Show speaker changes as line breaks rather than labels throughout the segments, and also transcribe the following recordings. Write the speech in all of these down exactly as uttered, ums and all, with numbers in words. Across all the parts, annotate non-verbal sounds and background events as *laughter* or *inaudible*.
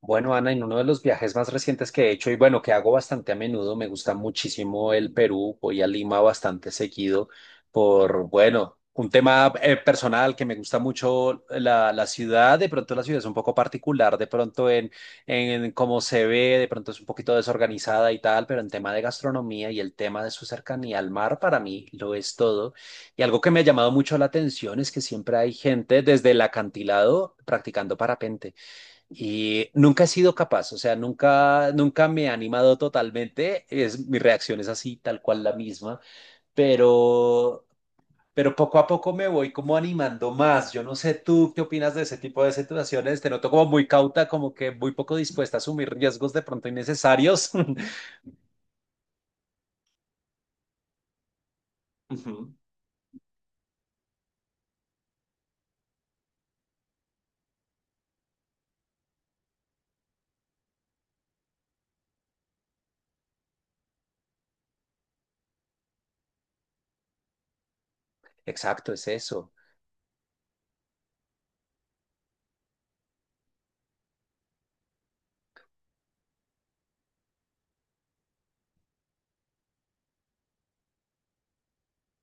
Bueno, Ana, en uno de los viajes más recientes que he hecho y bueno, que hago bastante a menudo, me gusta muchísimo el Perú, voy a Lima bastante seguido por, bueno, un tema eh, personal que me gusta mucho la, la ciudad, de pronto la ciudad es un poco particular, de pronto en, en cómo se ve, de pronto es un poquito desorganizada y tal, pero en tema de gastronomía y el tema de su cercanía al mar, para mí lo es todo. Y algo que me ha llamado mucho la atención es que siempre hay gente desde el acantilado practicando parapente. Y nunca he sido capaz, o sea, nunca, nunca me he animado totalmente. Es, mi reacción es así, tal cual la misma, pero, pero poco a poco me voy como animando más. Yo no sé tú qué opinas de ese tipo de situaciones. Te noto como muy cauta, como que muy poco dispuesta a asumir riesgos de pronto innecesarios. *laughs* Ujú. Exacto, es eso.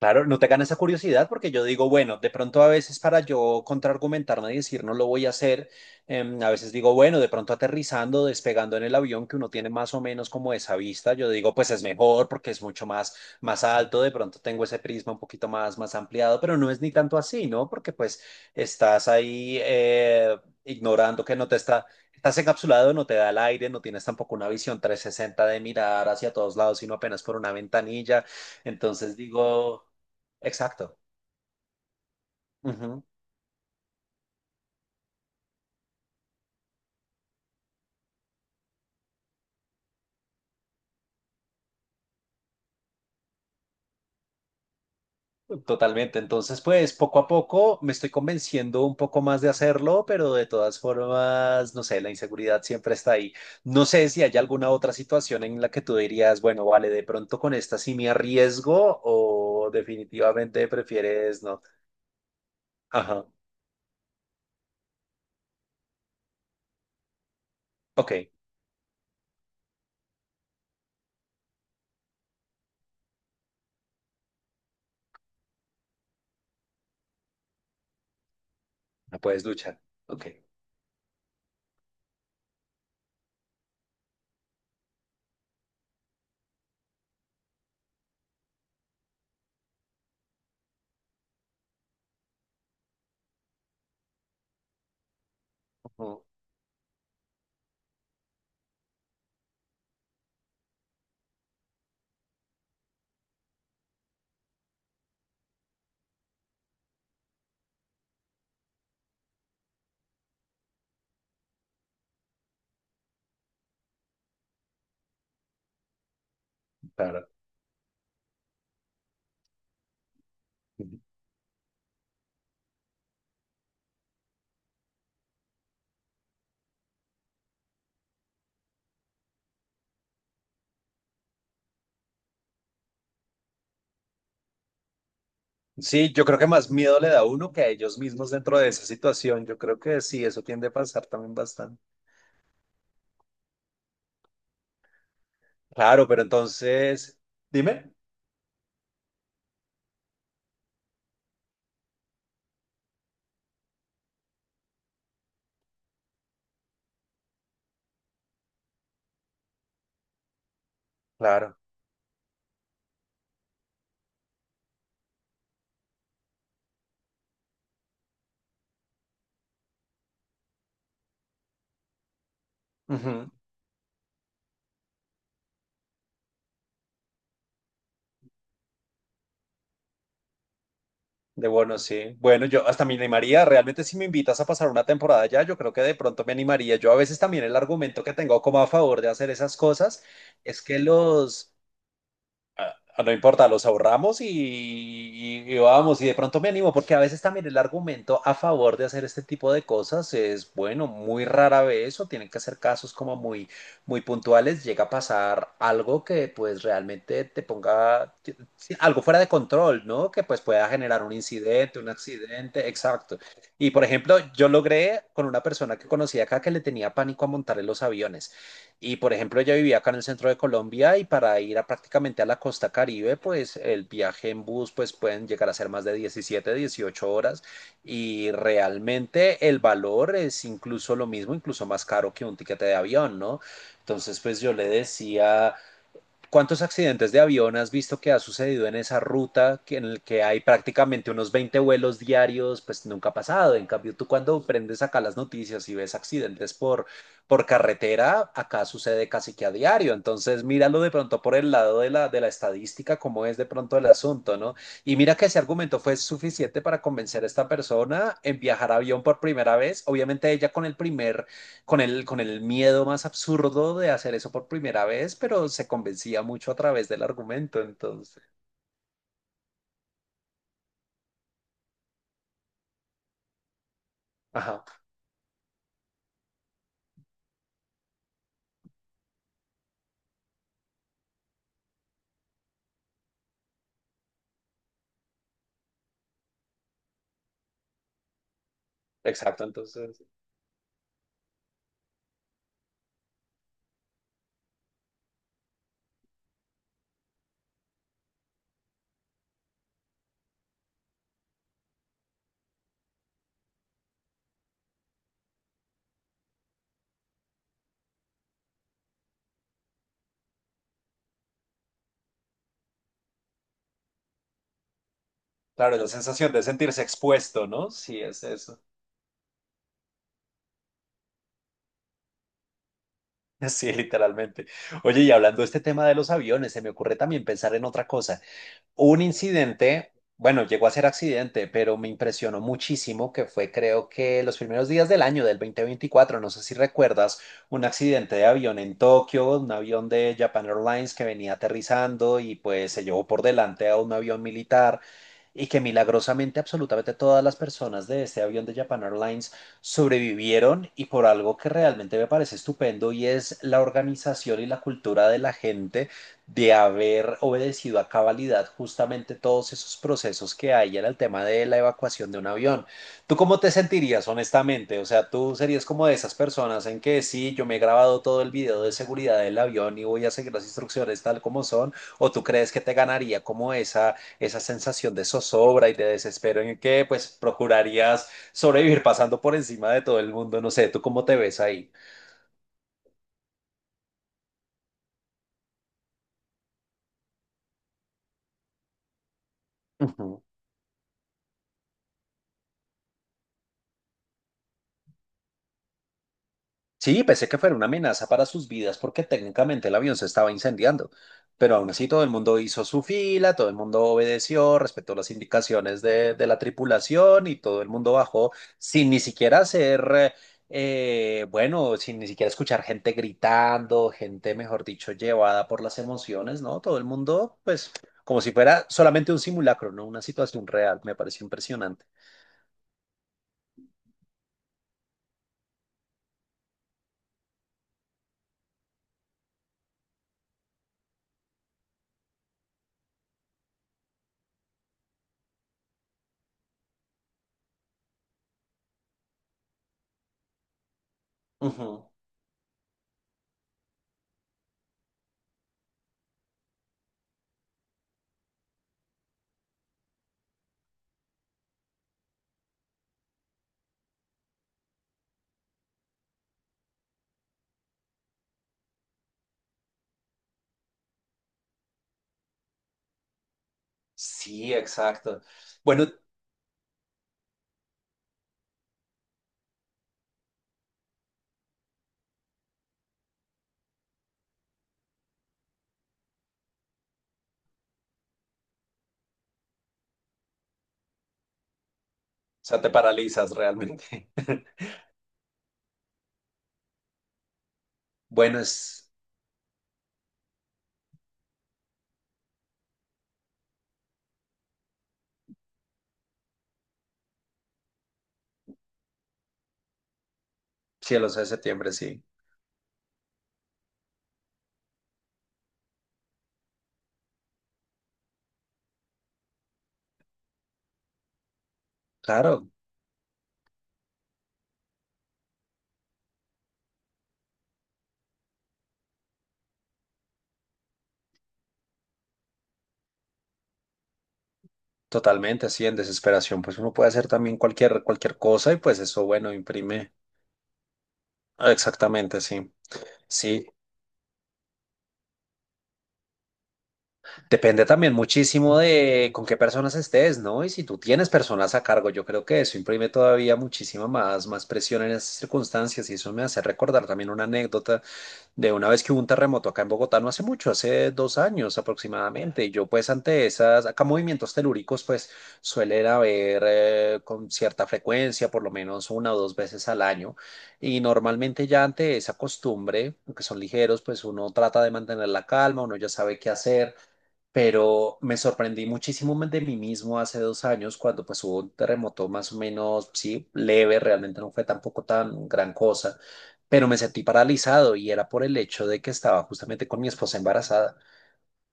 Claro, no te gana esa curiosidad porque yo digo, bueno, de pronto a veces para yo contraargumentarme y decir no lo voy a hacer, em, a veces digo, bueno, de pronto aterrizando, despegando en el avión que uno tiene más o menos como esa vista, yo digo, pues es mejor porque es mucho más, más alto, de pronto tengo ese prisma un poquito más, más ampliado, pero no es ni tanto así, ¿no? Porque pues estás ahí eh, ignorando que no te está... Estás encapsulado, no te da el aire, no tienes tampoco una visión trescientos sesenta de mirar hacia todos lados, sino apenas por una ventanilla. Entonces digo, exacto. Ujú, totalmente. Entonces, pues poco a poco me estoy convenciendo un poco más de hacerlo, pero de todas formas, no sé, la inseguridad siempre está ahí. No sé si hay alguna otra situación en la que tú dirías, bueno, vale, de pronto con esta sí me arriesgo o definitivamente prefieres no. Ajá, ok, la puedes luchar. Ok, ujú, claro. Ujú. Sí, yo creo que más miedo le da a uno que a ellos mismos dentro de esa situación. Yo creo que sí, eso tiende a pasar también bastante. Claro, pero entonces, dime, claro, ujú. De bueno, sí. Bueno, yo hasta me animaría, realmente si me invitas a pasar una temporada allá, yo creo que de pronto me animaría. Yo a veces también el argumento que tengo como a favor de hacer esas cosas es que los, ah, no importa, los ahorramos y, y- y vamos, y de pronto me animo, porque a veces también el argumento a favor de hacer este tipo de cosas es, bueno, muy rara vez o tienen que ser casos como muy, muy puntuales, llega a pasar algo que pues realmente te ponga sí, algo fuera de control, ¿no? Que pues pueda generar un incidente, un accidente, exacto. Y por ejemplo, yo logré con una persona que conocí acá que le tenía pánico a montar en los aviones. Y por ejemplo, ella vivía acá en el centro de Colombia y para ir a prácticamente a la costa Caribe, pues el viaje en bus pues pueden llegar a ser más de diecisiete dieciocho horas y realmente el valor es incluso lo mismo, incluso más caro que un tiquete de avión, ¿no? Entonces, pues yo le decía, ¿cuántos accidentes de avión has visto que ha sucedido en esa ruta que- en el que hay prácticamente unos veinte vuelos diarios? Pues nunca ha pasado. En cambio, tú cuando prendes acá las noticias y ves accidentes por, por carretera, acá sucede casi que a diario. Entonces, míralo de pronto por el lado de la, de la estadística, cómo es de pronto el asunto, ¿no? Y mira que ese argumento fue suficiente para convencer a esta persona en viajar a avión por primera vez. Obviamente ella con el primer con el, con el miedo más absurdo de hacer eso por primera vez, pero se convencía mucho a través del argumento, entonces. Ajá, exacto, entonces. Claro, la sensación de sentirse expuesto, ¿no? Sí, es eso. *laughs* Sí, literalmente. Oye, y hablando de este tema de los aviones, se me ocurre también pensar en otra cosa. Un incidente, bueno, llegó a ser accidente, pero me impresionó muchísimo que fue, creo que los primeros días del año del dos mil veinticuatro no sé si recuerdas, un accidente de avión en Tokio, un avión de Japan Airlines que venía aterrizando y pues se llevó por delante a un avión militar y que milagrosamente absolutamente todas las personas de este avión de Japan Airlines sobrevivieron y por algo que realmente me parece estupendo y es la organización y la cultura de la gente de haber obedecido a cabalidad justamente todos esos procesos que hay en el tema de la evacuación de un avión. ¿Tú cómo te sentirías honestamente? O sea, ¿tú serías como de esas personas en que sí, yo me he grabado todo el video de seguridad del avión y voy a seguir las instrucciones tal como son, o tú crees que te ganaría como esa, esa sensación de zozobra y de desespero en que pues procurarías sobrevivir pasando por encima de todo el mundo? No sé, ¿tú cómo te ves ahí? Ujú. Sí, pensé que fuera una amenaza para sus vidas porque técnicamente el avión se estaba incendiando, pero aún así todo el mundo hizo su fila, todo el mundo obedeció, respetó las indicaciones de, de la tripulación y todo el mundo bajó sin ni siquiera hacer, eh, bueno, sin ni siquiera escuchar gente gritando, gente, mejor dicho, llevada por las emociones, ¿no? Todo el mundo, pues, como si fuera solamente un simulacro, no una situación real, me pareció impresionante. Ujú. Sí, exacto. Bueno, o sea, te paralizas realmente. *laughs* Bueno, es cielos de septiembre, sí. Claro, totalmente, así en desesperación. Pues uno puede hacer también cualquier, cualquier cosa y pues eso, bueno, imprime. Ah, exactamente, sí. Sí, depende también muchísimo de con qué personas estés, ¿no? Y si tú tienes personas a cargo, yo creo que eso imprime todavía muchísima más, más presión en esas circunstancias y eso me hace recordar también una anécdota de una vez que hubo un terremoto acá en Bogotá no hace mucho, hace dos años aproximadamente. Y yo pues ante esas, acá movimientos telúricos pues suelen haber eh, con cierta frecuencia, por lo menos una o dos veces al año. Y normalmente ya ante esa costumbre, aunque son ligeros, pues uno trata de mantener la calma, uno ya sabe qué hacer pero me sorprendí muchísimo de mí mismo hace dos años cuando pues hubo un terremoto más o menos, sí, leve, realmente no fue tampoco tan gran cosa, pero me sentí paralizado y era por el hecho de que estaba justamente con mi esposa embarazada.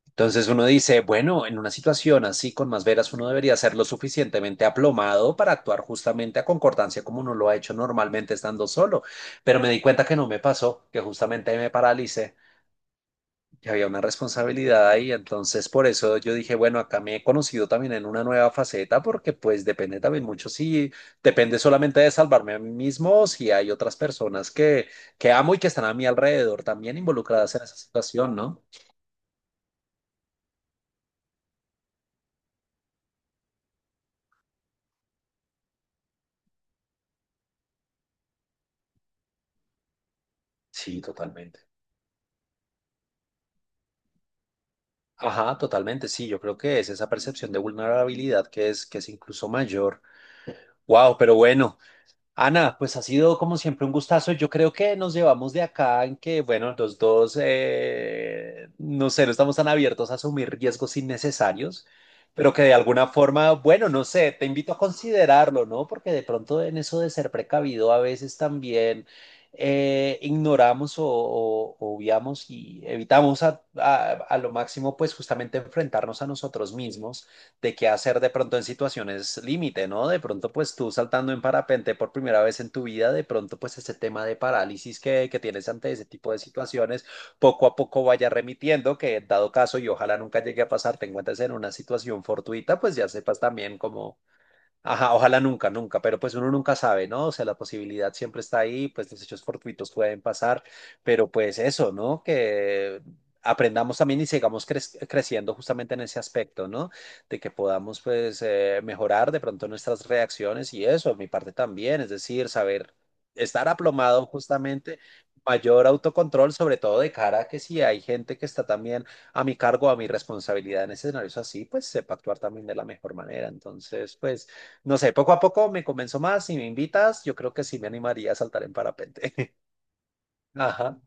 Entonces uno dice, bueno, en una situación así con más veras uno debería ser lo suficientemente aplomado para actuar justamente a concordancia como uno lo ha hecho normalmente estando solo, pero me di cuenta que no me pasó, que justamente me paralicé. Y había una responsabilidad ahí, entonces por eso yo dije, bueno, acá me he conocido también en una nueva faceta, porque pues depende también mucho si depende solamente de salvarme a mí mismo, o si hay otras personas que, que amo y que están a mi alrededor también involucradas en esa situación, ¿no? Sí, totalmente. Ajá, totalmente, sí, yo creo que es esa percepción de vulnerabilidad que es, que es incluso mayor. Wow, pero bueno. Ana, pues ha sido como siempre un gustazo. Yo creo que nos llevamos de acá en que, bueno, los dos, eh, no sé, no estamos tan abiertos a asumir riesgos innecesarios, pero que de alguna forma, bueno, no sé, te invito a considerarlo, ¿no? Porque de pronto en eso de ser precavido a veces también eh, ignoramos o, o- obviamos y evitamos a, a a lo máximo, pues justamente enfrentarnos a nosotros mismos de qué hacer de pronto en situaciones límite, ¿no? De pronto, pues tú saltando en parapente por primera vez en tu vida, de pronto, pues ese tema de parálisis que, que tienes ante ese tipo de situaciones, poco a poco vaya remitiendo, que dado caso y ojalá nunca llegue a pasar, te encuentres en una situación fortuita, pues ya sepas también cómo, ajá, ojalá nunca, nunca, pero pues uno nunca sabe, ¿no? O sea, la posibilidad siempre está ahí, pues los hechos fortuitos pueden pasar, pero pues eso, ¿no? Que aprendamos también y sigamos crec- creciendo justamente en ese aspecto, ¿no? De que podamos pues eh, mejorar de pronto nuestras reacciones y eso, mi parte también, es decir, saber estar aplomado justamente, mayor autocontrol, sobre todo de cara a que si hay gente que está también a mi cargo, a mi responsabilidad en escenarios así, pues sepa actuar también de la mejor manera. Entonces, pues... No sé, poco a poco me convenzo más. Si me invitas, yo creo que sí me animaría a saltar en parapente. *laughs* Ajá,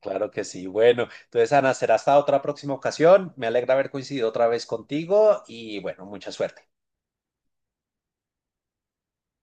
claro que sí. Bueno, entonces, Ana, será hasta otra próxima ocasión. Me alegra haber coincidido otra vez contigo y bueno, mucha suerte.